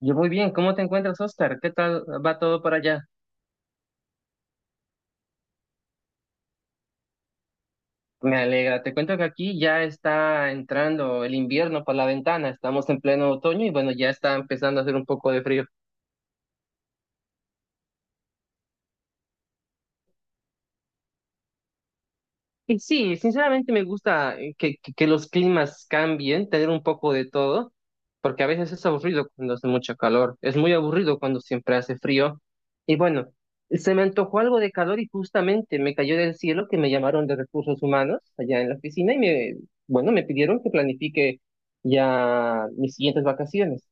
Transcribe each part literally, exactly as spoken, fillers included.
Yo muy bien, ¿cómo te encuentras, Oscar? ¿Qué tal va todo por allá? Me alegra, te cuento que aquí ya está entrando el invierno por la ventana, estamos en pleno otoño y bueno, ya está empezando a hacer un poco de frío. Y sí, sinceramente me gusta eh, que, que, que los climas cambien, tener un poco de todo, porque a veces es aburrido cuando hace mucho calor, es muy aburrido cuando siempre hace frío. Y bueno, se me antojó algo de calor y justamente me cayó del cielo que me llamaron de recursos humanos allá en la oficina y me, bueno, me pidieron que planifique ya mis siguientes vacaciones.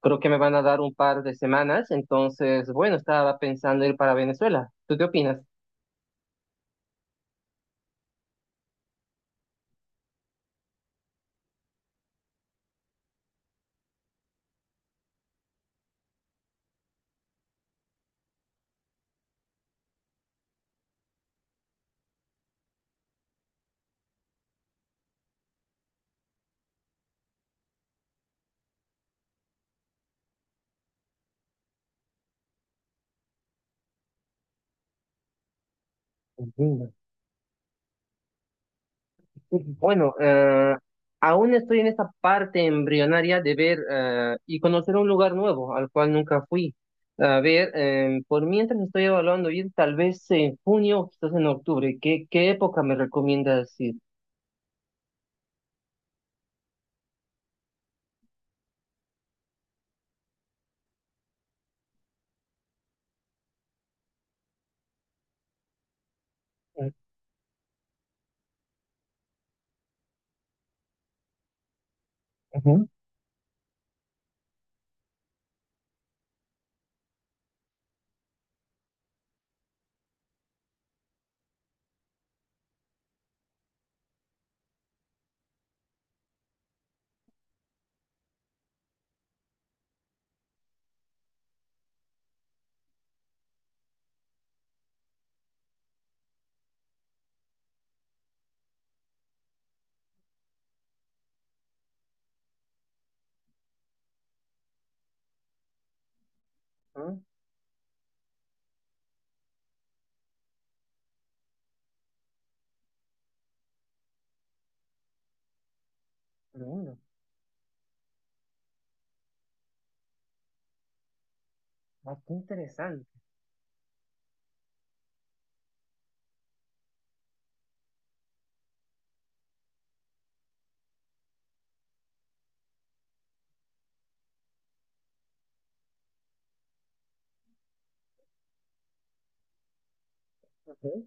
Creo que me van a dar un par de semanas, entonces, bueno, estaba pensando ir para Venezuela. ¿Tú qué opinas? Bueno, eh, aún estoy en esa parte embrionaria de ver eh, y conocer un lugar nuevo al cual nunca fui. A ver, eh, por mientras estoy evaluando ir tal vez en junio o quizás en octubre. ¿Qué, qué época me recomiendas ir? Eh, ujú. Ah, pero bueno, ah, qué interesante. Ujú.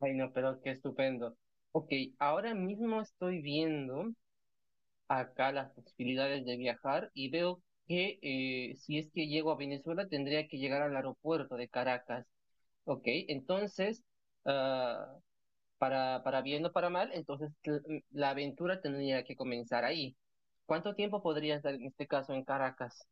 Ay, no, pero qué estupendo. Ok, ahora mismo estoy viendo acá las posibilidades de viajar y veo que eh, si es que llego a Venezuela tendría que llegar al aeropuerto de Caracas. Ok, entonces, ah, para, para bien o para mal, entonces l- la aventura tendría que comenzar ahí. ¿Cuánto tiempo podría estar en este caso en Caracas?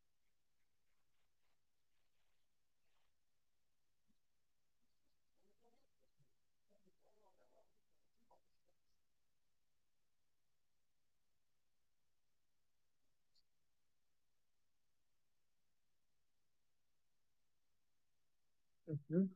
Ujú.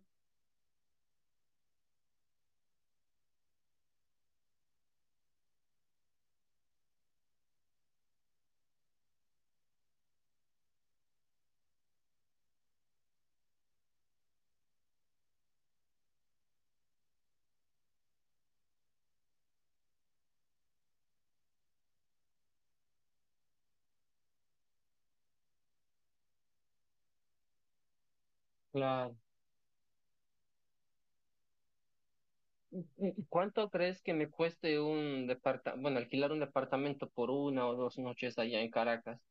Claro. ¿Y ¿Cuánto crees que me cueste un departamento, bueno, alquilar un departamento por una o dos noches allá en Caracas?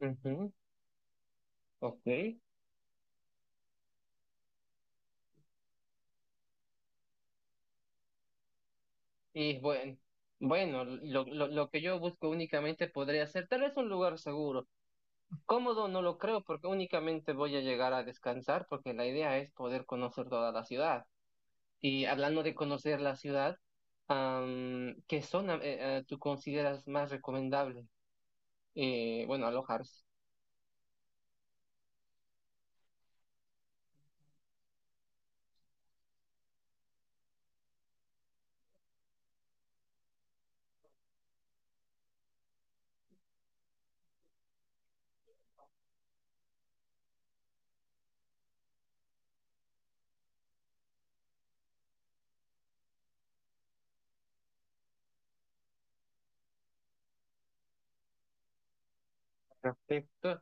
Ujú, ok. Y bueno, bueno, lo, lo, lo que yo busco únicamente podría ser tal vez un lugar seguro. Cómodo no lo creo porque únicamente voy a llegar a descansar porque la idea es poder conocer toda la ciudad. Y hablando de conocer la ciudad, am, ¿qué zona eh, eh, tú consideras más recomendable? Eh, bueno, alojarse. Perfecto.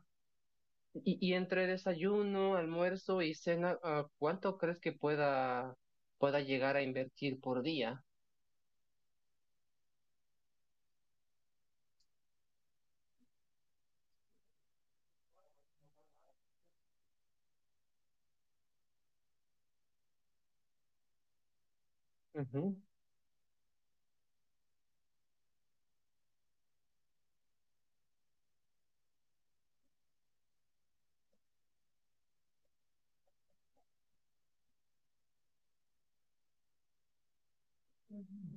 Y, y entre desayuno, almuerzo y cena, ah, ¿cuánto crees que pueda, pueda llegar a invertir por día?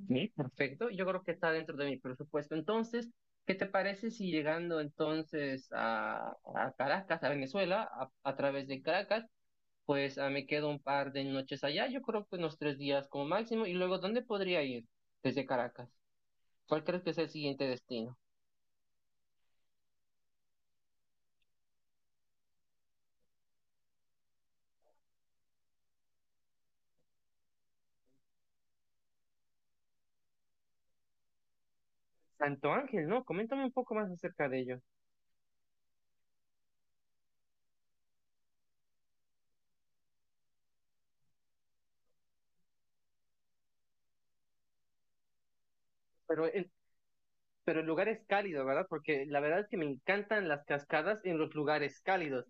Sí, perfecto. Yo creo que está dentro de mi presupuesto. Entonces, ¿qué te parece si llegando entonces a, a Caracas, a Venezuela, a, a través de Caracas, pues ah, me quedo un par de noches allá? Yo creo que unos tres días como máximo. Y luego, ¿dónde podría ir desde Caracas? ¿Cuál crees que es el siguiente destino? Santo Ángel, ¿no? Coméntame un poco más acerca de ello. Pero en- pero el lugar es cálido, ¿verdad? Porque la verdad es que me encantan las cascadas en los lugares cálidos.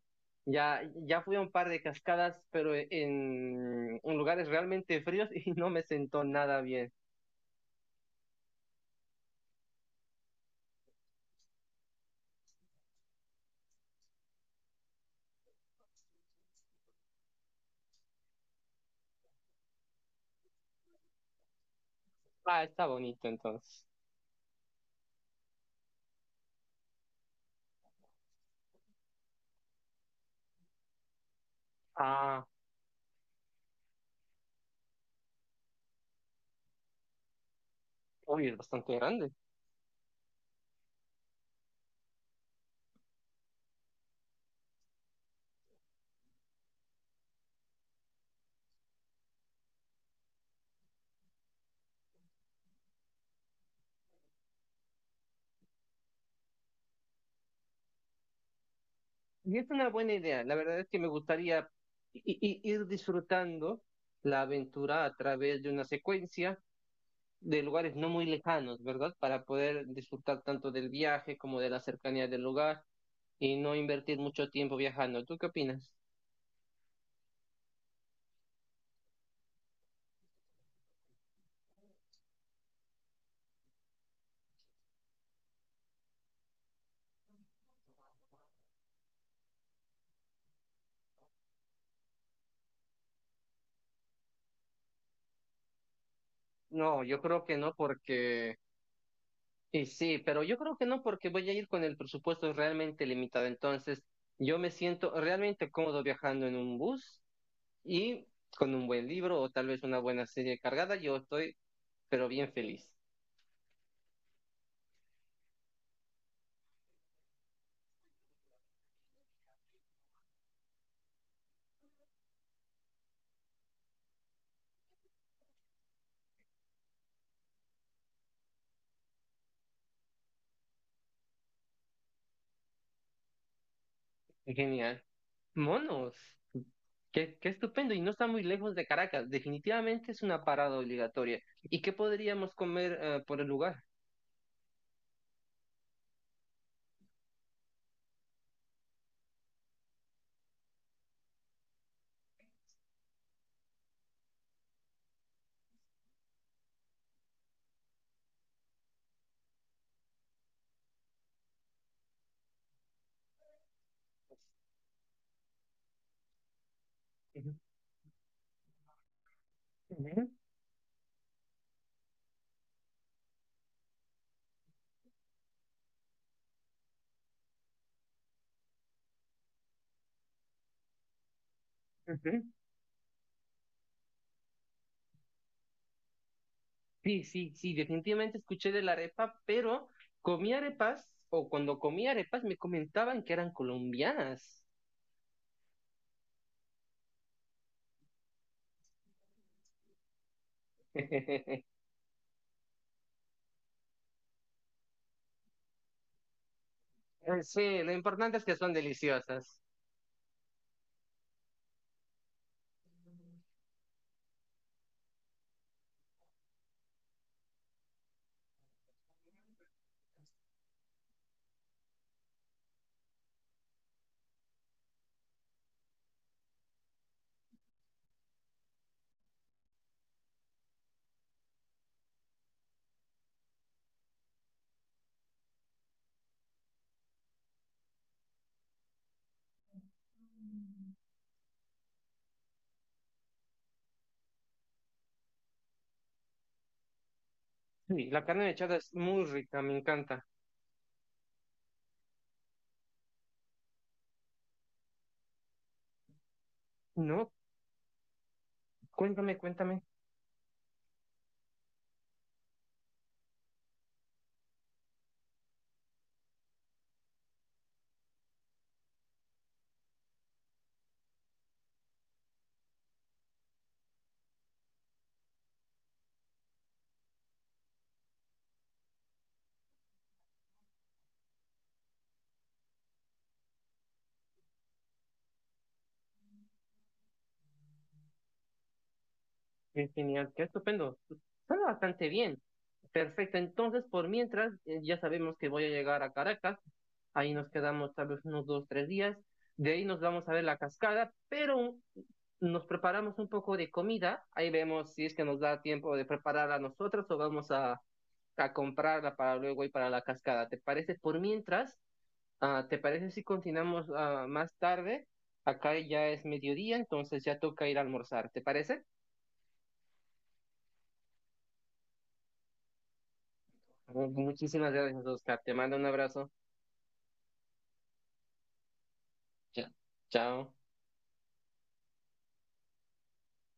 Ya, ya fui a un par de cascadas, pero e, en, en lugares realmente fríos y no me sentó nada bien. Ah, está bonito entonces. Ah, uy, es bastante grande. Y es una buena idea. La verdad es que me gustaría i- i- ir disfrutando la aventura a través de una secuencia de lugares no muy lejanos, ¿verdad? Para poder disfrutar tanto del viaje como de la cercanía del lugar y no invertir mucho tiempo viajando. ¿Tú qué opinas? No, yo creo que no porque, y sí, pero yo creo que no porque voy a ir con el presupuesto realmente limitado. Entonces, yo me siento realmente cómodo viajando en un bus y con un buen libro o tal vez una buena serie cargada. Yo estoy, pero bien feliz. Genial. Monos. Qué, qué estupendo, y no está muy lejos de Caracas. Definitivamente es una parada obligatoria. ¿Y qué podríamos comer eh, por el lugar? Ujú, ujú, ujú. Sí, sí, sí, definitivamente escuché de la arepa, pero comí arepas, o cuando comí arepas me comentaban que eran colombianas. Sí, lo importante es que son deliciosas. Sí, la carne mechada es muy rica, me encanta. No, cuéntame, cuéntame. Qué genial, qué estupendo. Suena bastante bien. Perfecto. Entonces, por mientras, eh, ya sabemos que voy a llegar a Caracas. Ahí nos quedamos tal vez unos dos, tres días. De ahí nos vamos a ver la cascada, pero nos preparamos un poco de comida. Ahí vemos si es que nos da tiempo de prepararla nosotros o vamos a, a comprarla para luego ir para la cascada. ¿Te parece? Por mientras, ah, ¿te parece si continuamos ah, más tarde? Acá ya es mediodía, entonces ya toca ir a almorzar. ¿Te parece? Muchísimas gracias, Oscar. Te mando un abrazo. Cha- Chao.